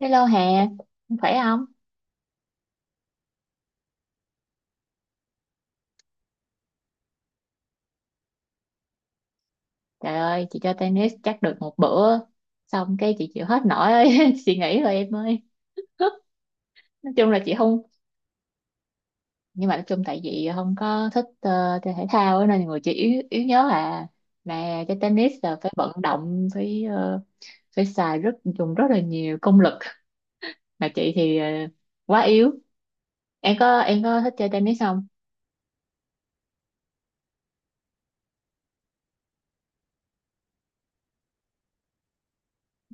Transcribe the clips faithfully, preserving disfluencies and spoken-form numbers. Hello Hà, em khỏe không? Trời ơi, chị chơi tennis chắc được một bữa, xong cái chị chịu hết nổi ấy. Chị nghỉ rồi em ơi. Nói chung là chị không, nhưng mà nói chung tại vì không có thích ờ, chơi thể thao ấy, nên người chị yếu, yếu nhớ à. Mà chơi tennis là phải vận động, phải ờ, phải xài rất dùng rất là nhiều công lực. Mà chị thì ờ, quá yếu. Em có em có thích chơi tennis không?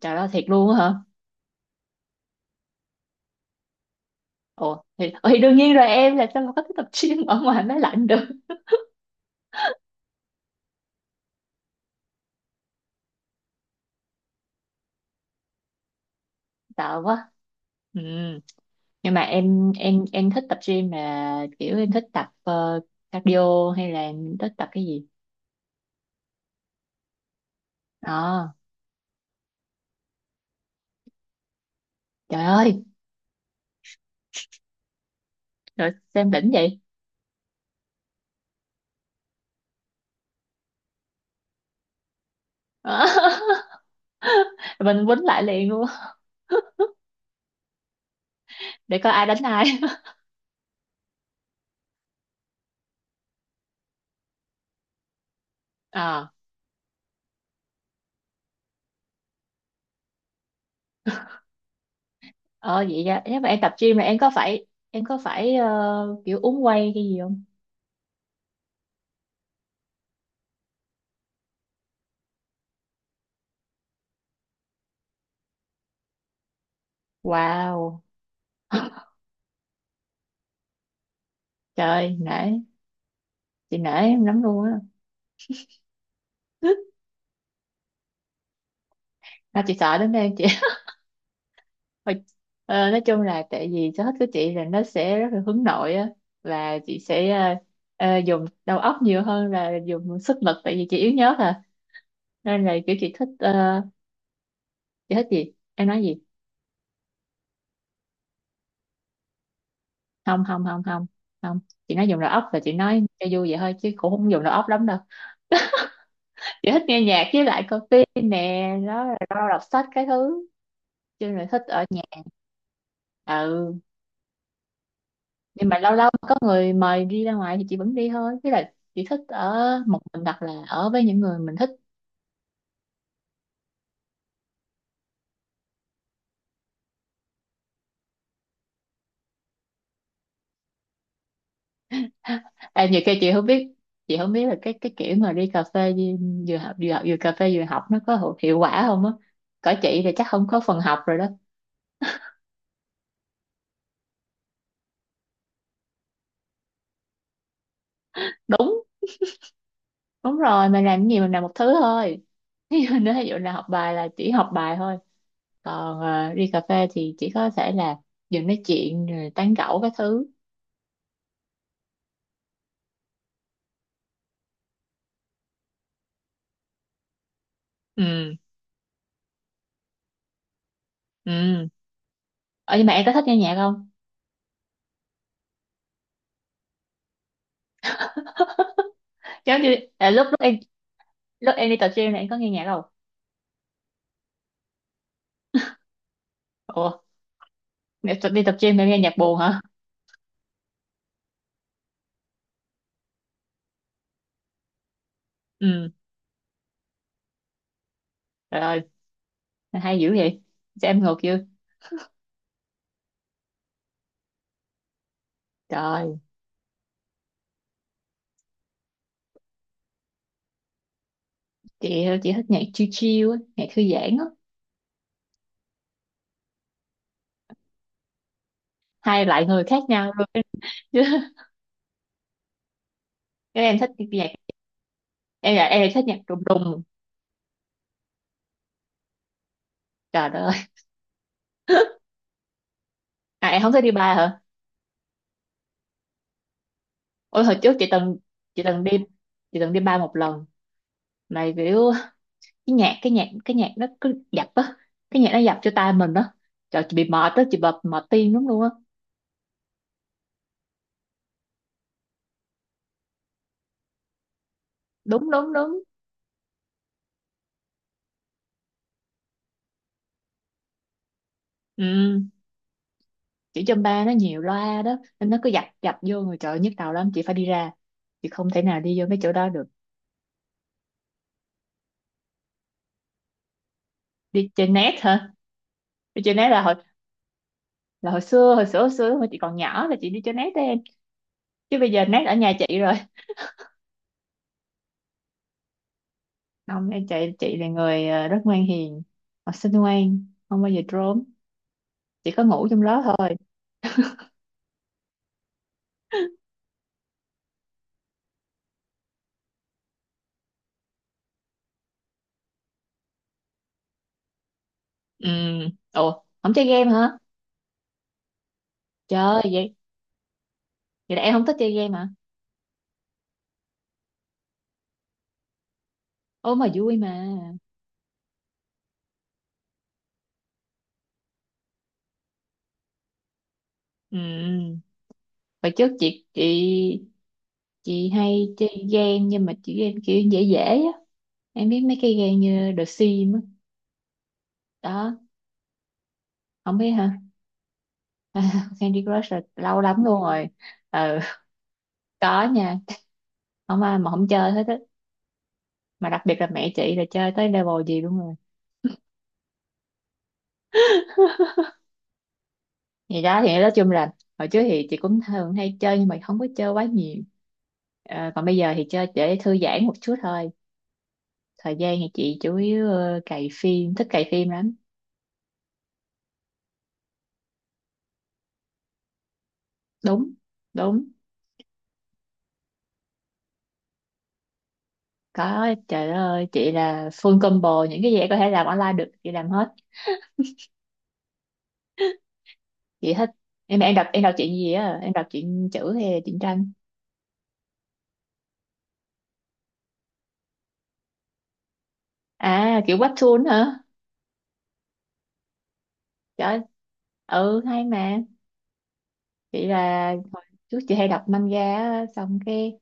Trời ơi thiệt luôn á hả? Ồ thì, thì đương nhiên rồi em làm sao mà có thích tập gym ở ngoài máy lạnh được. Sợ quá. Ừ. Nhưng mà em em em thích tập gym mà kiểu em thích tập ờ, cardio hay là em thích tập cái gì? À, trời ơi, rồi xem đỉnh vậy. Mình quýnh lại liền luôn, để coi ai đánh ai. Ờ. Ờ, vậy ra nếu mà em tập gym là em có phải em có phải ờ, kiểu uống whey cái gì không? Wow. Trời nể, chị nể em lắm luôn á. Sao chị sợ đến đây. Thôi, ờ, nói chung là tại vì sở thích của chị là nó sẽ rất là hướng nội á, và chị sẽ ờ, ờ, dùng đầu óc nhiều hơn là dùng sức lực, tại vì chị yếu nhớ à. Nên là kiểu chị thích ờ, chị thích gì em nói gì. Không không không không, không. Chị nói dùng đầu óc là chị nói cho vui vậy thôi chứ cũng không dùng đầu óc lắm đâu. Chị thích nghe nhạc với lại coi phim nè, đó là đọc sách cái thứ, chứ là thích ở nhà. Ừ, nhưng mà lâu lâu có người mời đi ra ngoài thì chị vẫn đi thôi chứ là chị thích ở một mình hoặc là ở với những người mình thích. À, nhiều khi chị không biết, chị không biết là cái cái kiểu mà đi cà phê đi- vừa học vừa học vừa cà phê vừa học nó có hữu- hiệu quả không á. Cỡ chị thì chắc không có phần học rồi đó. Đúng, đúng rồi, mình làm cái gì mình làm một thứ thôi. Ví dụ nếu ví dụ là học bài là chỉ học bài thôi, còn ờ, đi cà phê thì chỉ có thể là vừa nói chuyện rồi tán gẫu cái thứ. Ừ. Ừ. Ờ, nhưng mà em có thích nghe nhạc không? Giống như à, lúc lúc em lúc em đi tập gym này em có nghe nhạc không? Ủa, em tập- đi tập gym em nghe nhạc buồn hả? Ừ, trời ơi, hay dữ vậy, cho em ngược chưa. Trời, chị chị thích nhạc chill chill á, nhạc thư giãn á. Hai loại người khác nhau luôn. chứ chứ em thích nhạc, em là em lại thích nhạc đùng đùng. Trời đất ơi. À, em không thích đi bar hả? Ôi hồi trước chị từng, chị từng đi chị từng đi bar một lần, mà kiểu cái nhạc cái nhạc cái nhạc nó cứ dập á, cái nhạc nó dập cho tai mình á. Trời chị bị mệt á, chị bị mệt tim lắm luôn á. Đúng, đúng, đúng. Ừ. Chữ châm ba nó nhiều loa đó nên nó cứ dập dập vô người, trời ơi, nhức đầu lắm, chị phải đi ra, chị không thể nào đi vô mấy chỗ đó được. Đi chơi net hả? Đi chơi net là hồi, là hồi xưa, hồi xưa hồi xưa hồi chị còn nhỏ là chị đi chơi net đó em, chứ bây giờ net ở nhà chị rồi. Không em, chị chị là người ờ, rất ngoan hiền, học sinh ngoan không bao giờ trốn, chỉ có ngủ trong đó thôi. Ừ. Ồ, không chơi game hả? Trời ơi, vậy vậy là em không thích chơi game hả? Ô, mà vui mà. Ừ, hồi trước chị chị chị hay chơi game, nhưng mà chị game kiểu dễ dễ á. Em biết mấy cái game như The Sims á đó. Không biết hả? Candy Crush là lâu lắm luôn rồi. Ừ, có nha, không ai mà không chơi hết á, mà đặc biệt là mẹ chị là chơi tới level gì luôn rồi. Thì đó thì nói chung là hồi trước thì chị cũng thường hay chơi nhưng mà không có chơi quá nhiều. Ờ, còn bây giờ thì chơi để thư giãn một chút thôi, thời gian thì chị chủ yếu ờ, cày phim, thích cày phim lắm. Đúng, đúng. Có, trời đất ơi, chị là full combo, những cái gì em có thể làm online được, chị làm hết. Chị thích. Em em đọc, em đọc chuyện gì á? Em đọc chuyện chữ hay là truyện tranh? À, kiểu webtoon hả? Trời, ừ hay mà. Chị là hồi trước chị hay đọc manga á, xong cái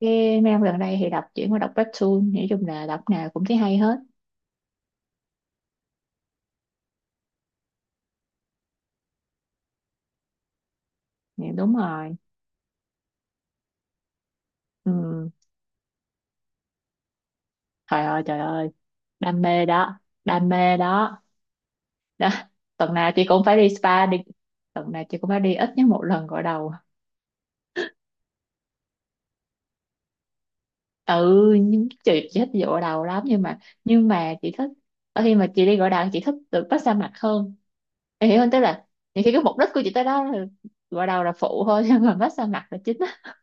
cái mấy năm gần đây thì đọc chuyển qua đọc webtoon, nói chung là đọc nào cũng thấy hay hết. Dạ, đúng rồi. Ừ. Trời ơi, trời ơi, đam mê đó, đam mê đó. Đó, tuần nào chị cũng phải đi spa đi, tuần nào chị cũng phải đi ít nhất một lần gội đầu. Ừ, nhưng chị, chị thích đi gội đầu lắm nhưng mà, nhưng mà chị thích ở khi mà chị đi gội đầu chị thích được massage mặt hơn. Em hiểu không, tức là nhiều khi cái mục đích của chị tới đó là gội đầu là phụ thôi, nhưng mà massage mặt là chính á.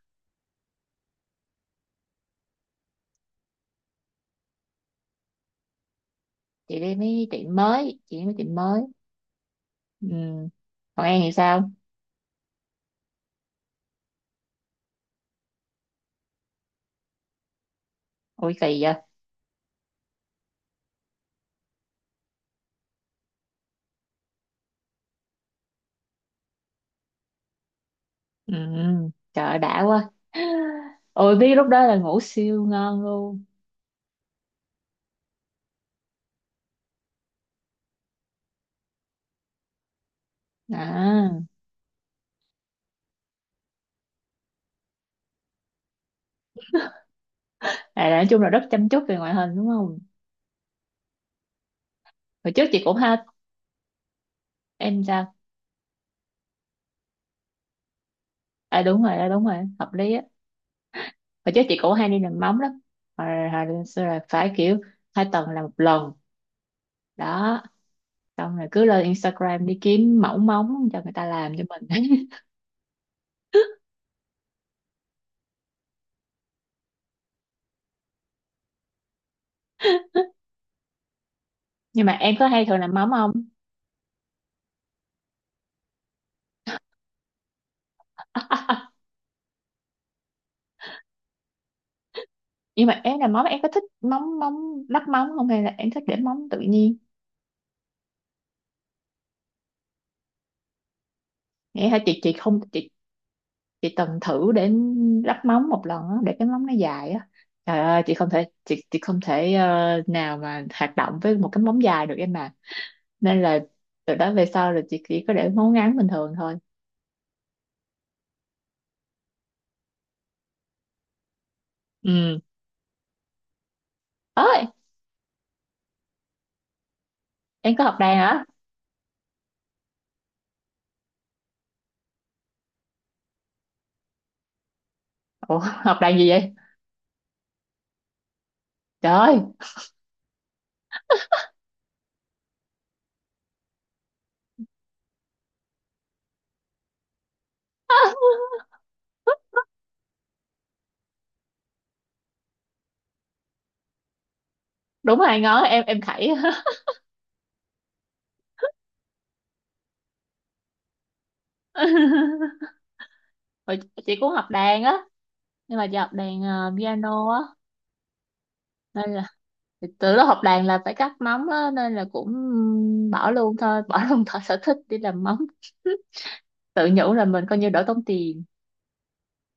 Chị đi mấy tiệm mới, chị đi mấy tiệm mới. Ừ. Còn em thì sao? Ôi kỳ vậy. Ừ. Trời ơi, đã quá. Ôi biết lúc đó là ngủ siêu ngon luôn. À, à nói chung là rất chăm chút về ngoại hình đúng không. Hồi trước chị cũng ha. Em sao? À đúng rồi, à, đúng rồi hợp lý á. Hồi trước chị cũng hay đi làm móng lắm, hồi, hồi lên xưa là phải kiểu hai tuần là một lần đó, xong rồi cứ lên Instagram đi kiếm mẫu móng cho người ta làm cho mình. Nhưng mà em có hay thường làm móng không? Nhưng mà em làm móng em có thích móng móng lắp móng không hay là em thích để móng tự nhiên? Nghĩa hả chị, chị không chị chị từng thử để lắp móng một lần á, để cái móng nó dài á, trời ơi chị không thể, chị chị không thể ờ, nào mà hoạt động với một cái móng dài được em ạ. Nên là từ đó về sau là chị chỉ có để ngấu ngán bình thường thôi. Ừ, ơi em có học đàn hả? Ủa học đàn gì vậy? Trời ơi. Đúng, hai ngón, em em khẩy. Hồi chị cũng học đàn á, nhưng mà chị học đàn ờ, piano á, nên là từ lúc học đàn là phải cắt móng á nên là cũng bỏ luôn thôi, bỏ luôn thợ sở thích đi làm móng, tự nhủ là mình coi như đỡ tốn tiền.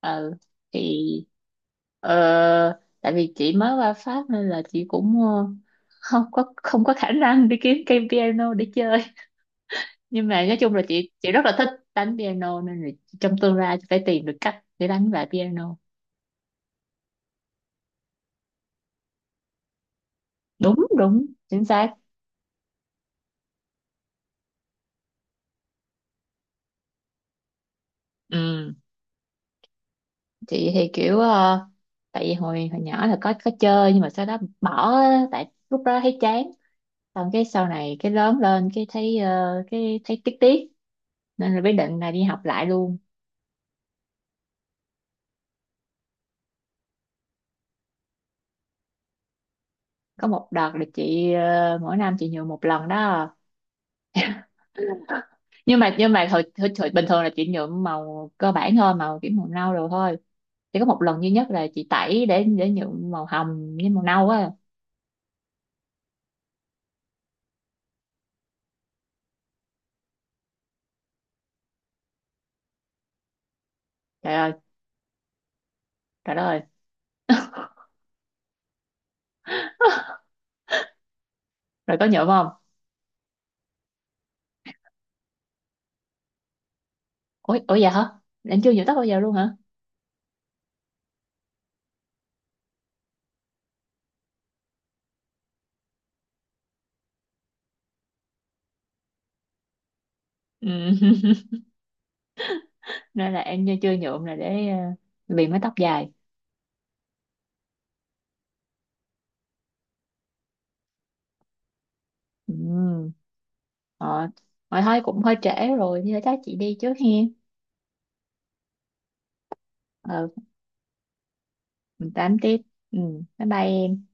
Ừ. Thì ờ, tại vì chị mới qua Pháp nên là chị cũng ờ, không có không có khả năng đi kiếm cây piano để chơi. Nhưng mà nói chung là chị chị rất là thích đánh piano, nên là trong tương lai chị phải tìm được cách để đánh lại piano. Đúng, đúng chính xác. Ừ, chị thì kiểu ờ, tại vì hồi hồi nhỏ là có có chơi nhưng mà sau đó bỏ á, tại lúc đó thấy chán, xong cái sau này cái lớn lên cái thấy ờ, cái thấy tiếc tiếc, nên là quyết định là đi học lại luôn. Có một đợt là chị ờ, mỗi năm chị nhuộm một lần đó, nhưng mà nhưng mà hồi, hồi, hồi bình thường là chị nhuộm màu cơ bản thôi, màu kiểu màu nâu rồi thôi. Chỉ có một lần duy nhất là chị tẩy để để nhuộm màu hồng với màu nâu á. Trời ơi, trời đất ơi. Rồi có nhuộm không? Ủa, ủa dạ hả? Em chưa nhuộm tóc bao giờ luôn hả? Ừ. Nên là em chưa nhuộm là để ờ, vì mái tóc dài. Ừ. Ờ, rồi thôi cũng hơi trễ rồi, thì thôi chắc chị đi trước hen. Ờ, mình tám tiếp. Ừ, bye bye em.